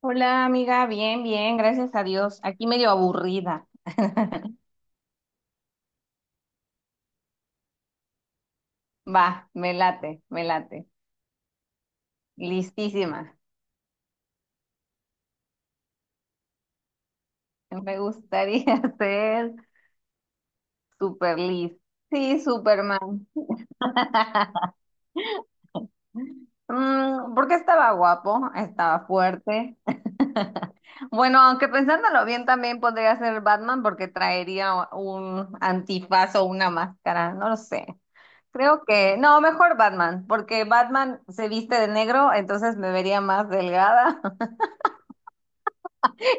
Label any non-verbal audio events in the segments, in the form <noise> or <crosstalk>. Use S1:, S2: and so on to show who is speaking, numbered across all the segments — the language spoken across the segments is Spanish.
S1: Hola amiga, bien, bien, gracias a Dios. Aquí medio aburrida. <laughs> Va, me late, me late. Listísima. Me gustaría <laughs> ser super list. Sí, Superman. <laughs> Porque estaba guapo, estaba fuerte. <laughs> Bueno, aunque pensándolo bien, también podría ser Batman porque traería un antifaz o una máscara, no lo sé. No, mejor Batman, porque Batman se viste de negro, entonces me vería más delgada <laughs>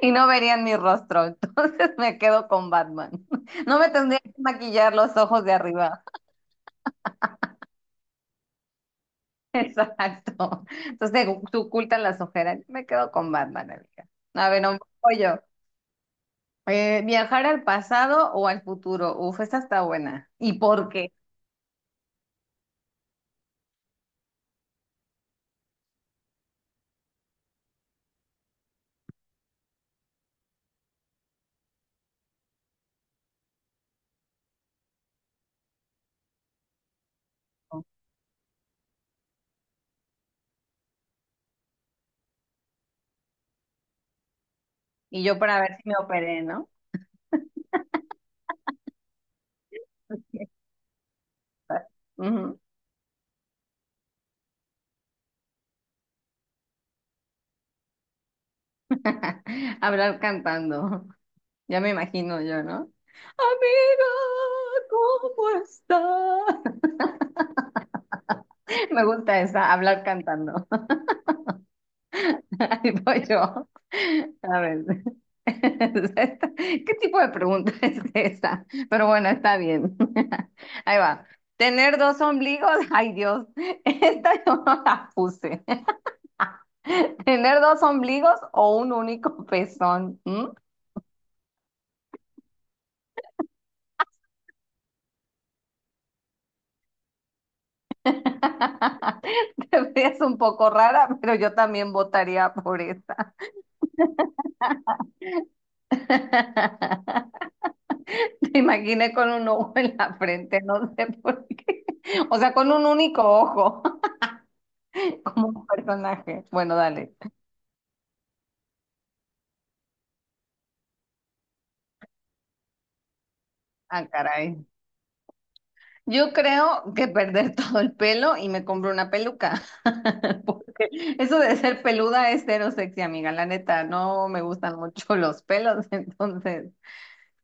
S1: y no verían mi rostro, <laughs> entonces me quedo con Batman. <laughs> No me tendría que maquillar los ojos de arriba. <laughs> Exacto. Entonces se ocultan las ojeras. Me quedo con Batman, amiga. A ver, un poco yo. ¿Viajar al pasado o al futuro? Uf, esta está buena. ¿Y por qué? Y yo para ver si me operé, ¿no? <laughs> Ujú. <laughs> Hablar cantando. Ya me imagino yo, ¿no? Amiga, ¿cómo estás? <laughs> Me gusta esa, hablar cantando. <laughs> Ahí voy yo. A ver. <laughs> ¿Qué tipo de pregunta <laughs> es esa? Pero bueno, está bien. <laughs> Ahí va. ¿Tener dos ombligos? <laughs> Ay, Dios. Esta yo no la puse. <laughs> ¿Tener dos ombligos o un único pezón? ¿Mm? <laughs> Te ves un poco rara, pero yo también votaría por esa. <laughs> Te imaginé con un ojo en la frente, no sé por qué. O sea, con un único ojo, <laughs> como un personaje. Bueno, dale. Ah, caray. Yo creo que perder <laughs> todo el pelo y me compro una peluca. <laughs> Porque eso de ser peluda es cero sexy, amiga. La neta, no me gustan mucho los pelos, <laughs> entonces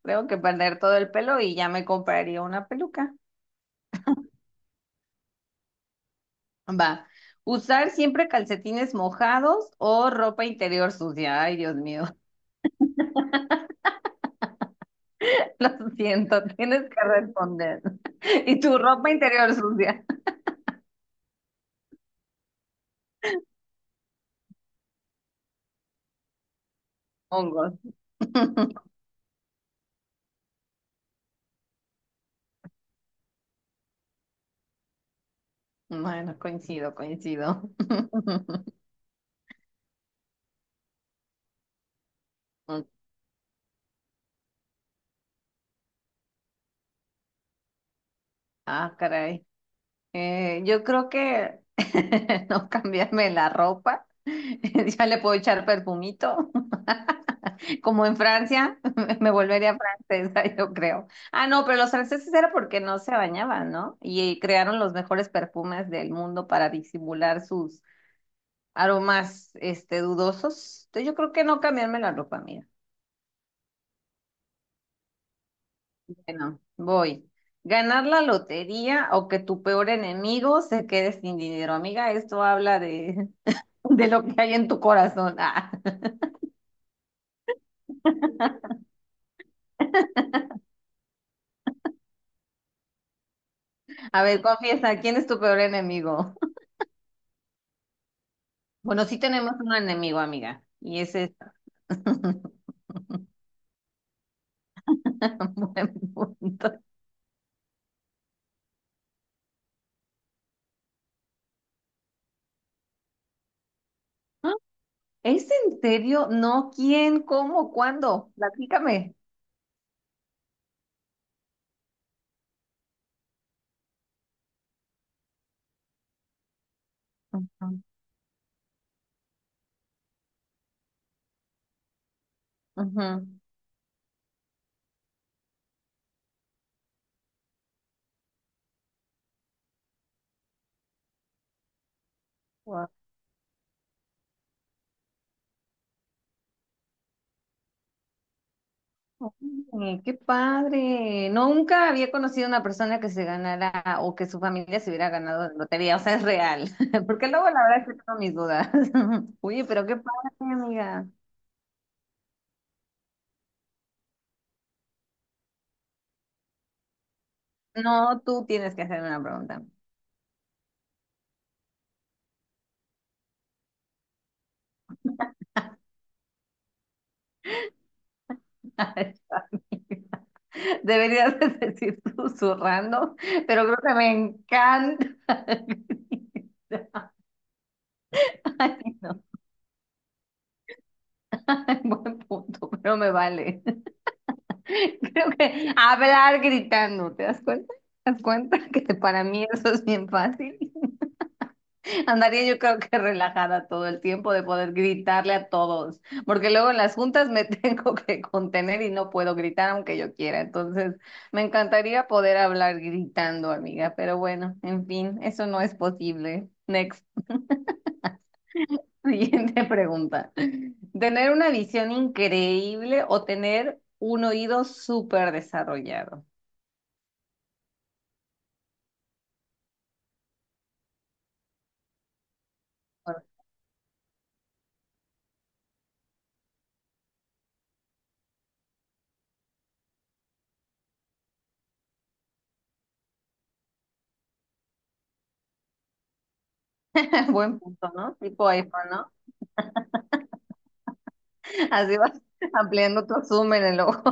S1: creo que perder todo el pelo y ya me compraría una peluca. Va. Usar siempre calcetines mojados o ropa interior sucia. Ay, Dios mío. <laughs> Lo siento, tienes que responder. <laughs> Y tu ropa interior sucia. Hongos. <laughs> Bueno, coincido, coincido. <laughs> Ah, caray. Yo creo que <laughs> no cambiarme la ropa. <laughs> Ya le puedo echar perfumito. Como en Francia, <laughs> me volvería francesa, <laughs> yo creo. Ah, no, pero los franceses era porque no se bañaban, ¿no? Y crearon los mejores perfumes del mundo para disimular sus aromas, este, dudosos. Entonces yo creo que no cambiarme la ropa, mira. Bueno, voy. Ganar la lotería o que tu peor enemigo se quede sin dinero. Amiga, esto habla <laughs> de lo que hay en tu corazón. <laughs> Ah. A ver, confiesa, ¿quién es tu peor enemigo? <laughs> Bueno, sí tenemos un enemigo, amiga, y ese es... <laughs> <laughs> Buen punto. ¿Es en serio? No, ¿quién? ¿Cómo? ¿Cuándo? Platícame. Ujú, ujú. Guau. Oye, qué padre. No, nunca había conocido una persona que se ganara o que su familia se hubiera ganado la lotería. O sea, es real. <laughs> Porque luego la verdad es que tengo mis dudas. <laughs> Oye, pero qué padre, amiga. No, tú tienes que hacerme una pregunta. <laughs> Deberías de decir susurrando, pero creo que me encanta. <laughs> Ay, no. <laughs> Buen punto, pero me vale. <laughs> Creo que hablar gritando, ¿te das cuenta? ¿Te das cuenta que para mí eso es bien fácil? <laughs> Andaría yo creo que relajada todo el tiempo de poder gritarle a todos, porque luego en las juntas me <laughs> tengo que contener y no puedo gritar aunque yo quiera. Entonces, me encantaría poder hablar gritando, amiga, pero bueno, en fin, eso no es posible. Next. <laughs> Siguiente pregunta. ¿Tener una visión increíble o tener un oído súper desarrollado? <laughs> Buen punto, ¿no? Tipo iPhone, ¿no? Así vas <laughs> ampliando tu zoom en el ojo.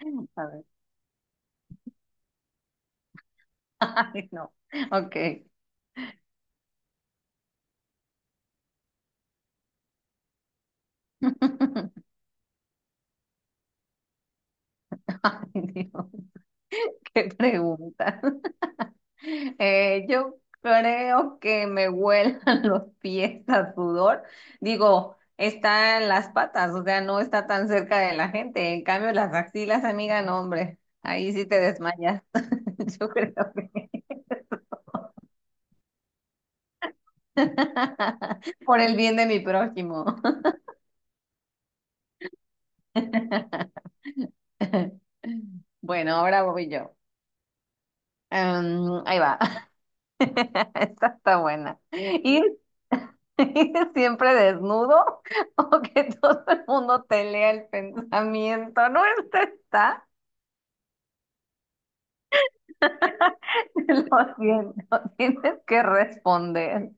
S1: <laughs> A ver. Ay, no. Ok. <laughs> Ay, Dios, qué pregunta. Yo creo que me huelan <laughs> los pies a sudor. Digo, está en las patas, o sea, no está tan cerca de la gente. En cambio, las axilas, amiga, no, hombre, ahí sí te desmayas. <laughs> Yo creo que <laughs> por el bien de mi prójimo. <laughs> Bueno, ahora voy yo. Ahí va. <laughs> Esta está buena. Ir <laughs> siempre desnudo o que todo el mundo te lea el pensamiento. No, esta está. <laughs> Lo siento, tienes que responder.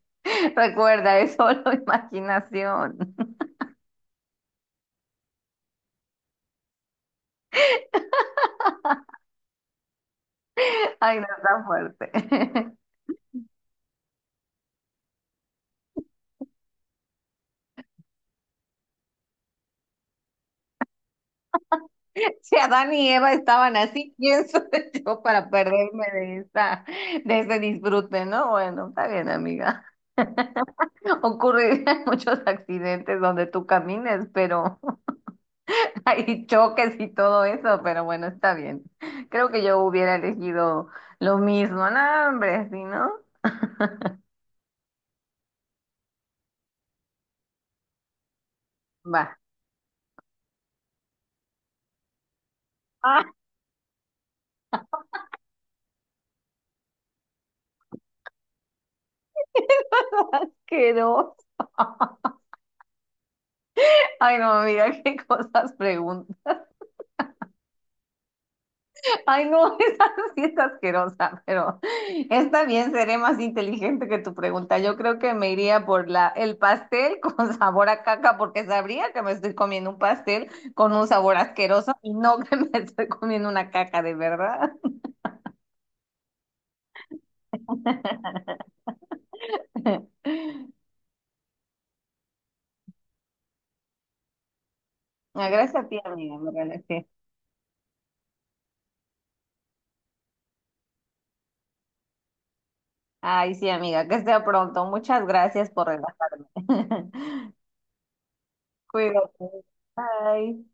S1: Recuerda, es solo <laughs> imaginación. Ay, no está fuerte. <laughs> Si Adán y Eva estaban así, ¿quién soy <laughs> yo para perderme de de ese disfrute, no? Bueno, está bien, amiga. <laughs> Ocurrirían muchos accidentes donde tú camines, pero hay choques y todo eso, pero bueno, está bien. Creo que yo hubiera elegido lo mismo. No, hombre, si no, va. Asqueroso. Ay, no, amiga, <laughs> qué cosas preguntas. Ay, no, <laughs> esa sí es asquerosa, pero está bien, seré más inteligente que tu pregunta. Yo creo que me iría por el pastel con <laughs> sabor a caca, porque sabría que me estoy comiendo un pastel con un sabor asqueroso y no <laughs> que me estoy comiendo una caca de verdad. <laughs> Ah, gracias a ti, amiga. Me relajé. Ay, sí, amiga, que esté pronto. Muchas gracias por relajarme. <laughs> Cuídate. Bye.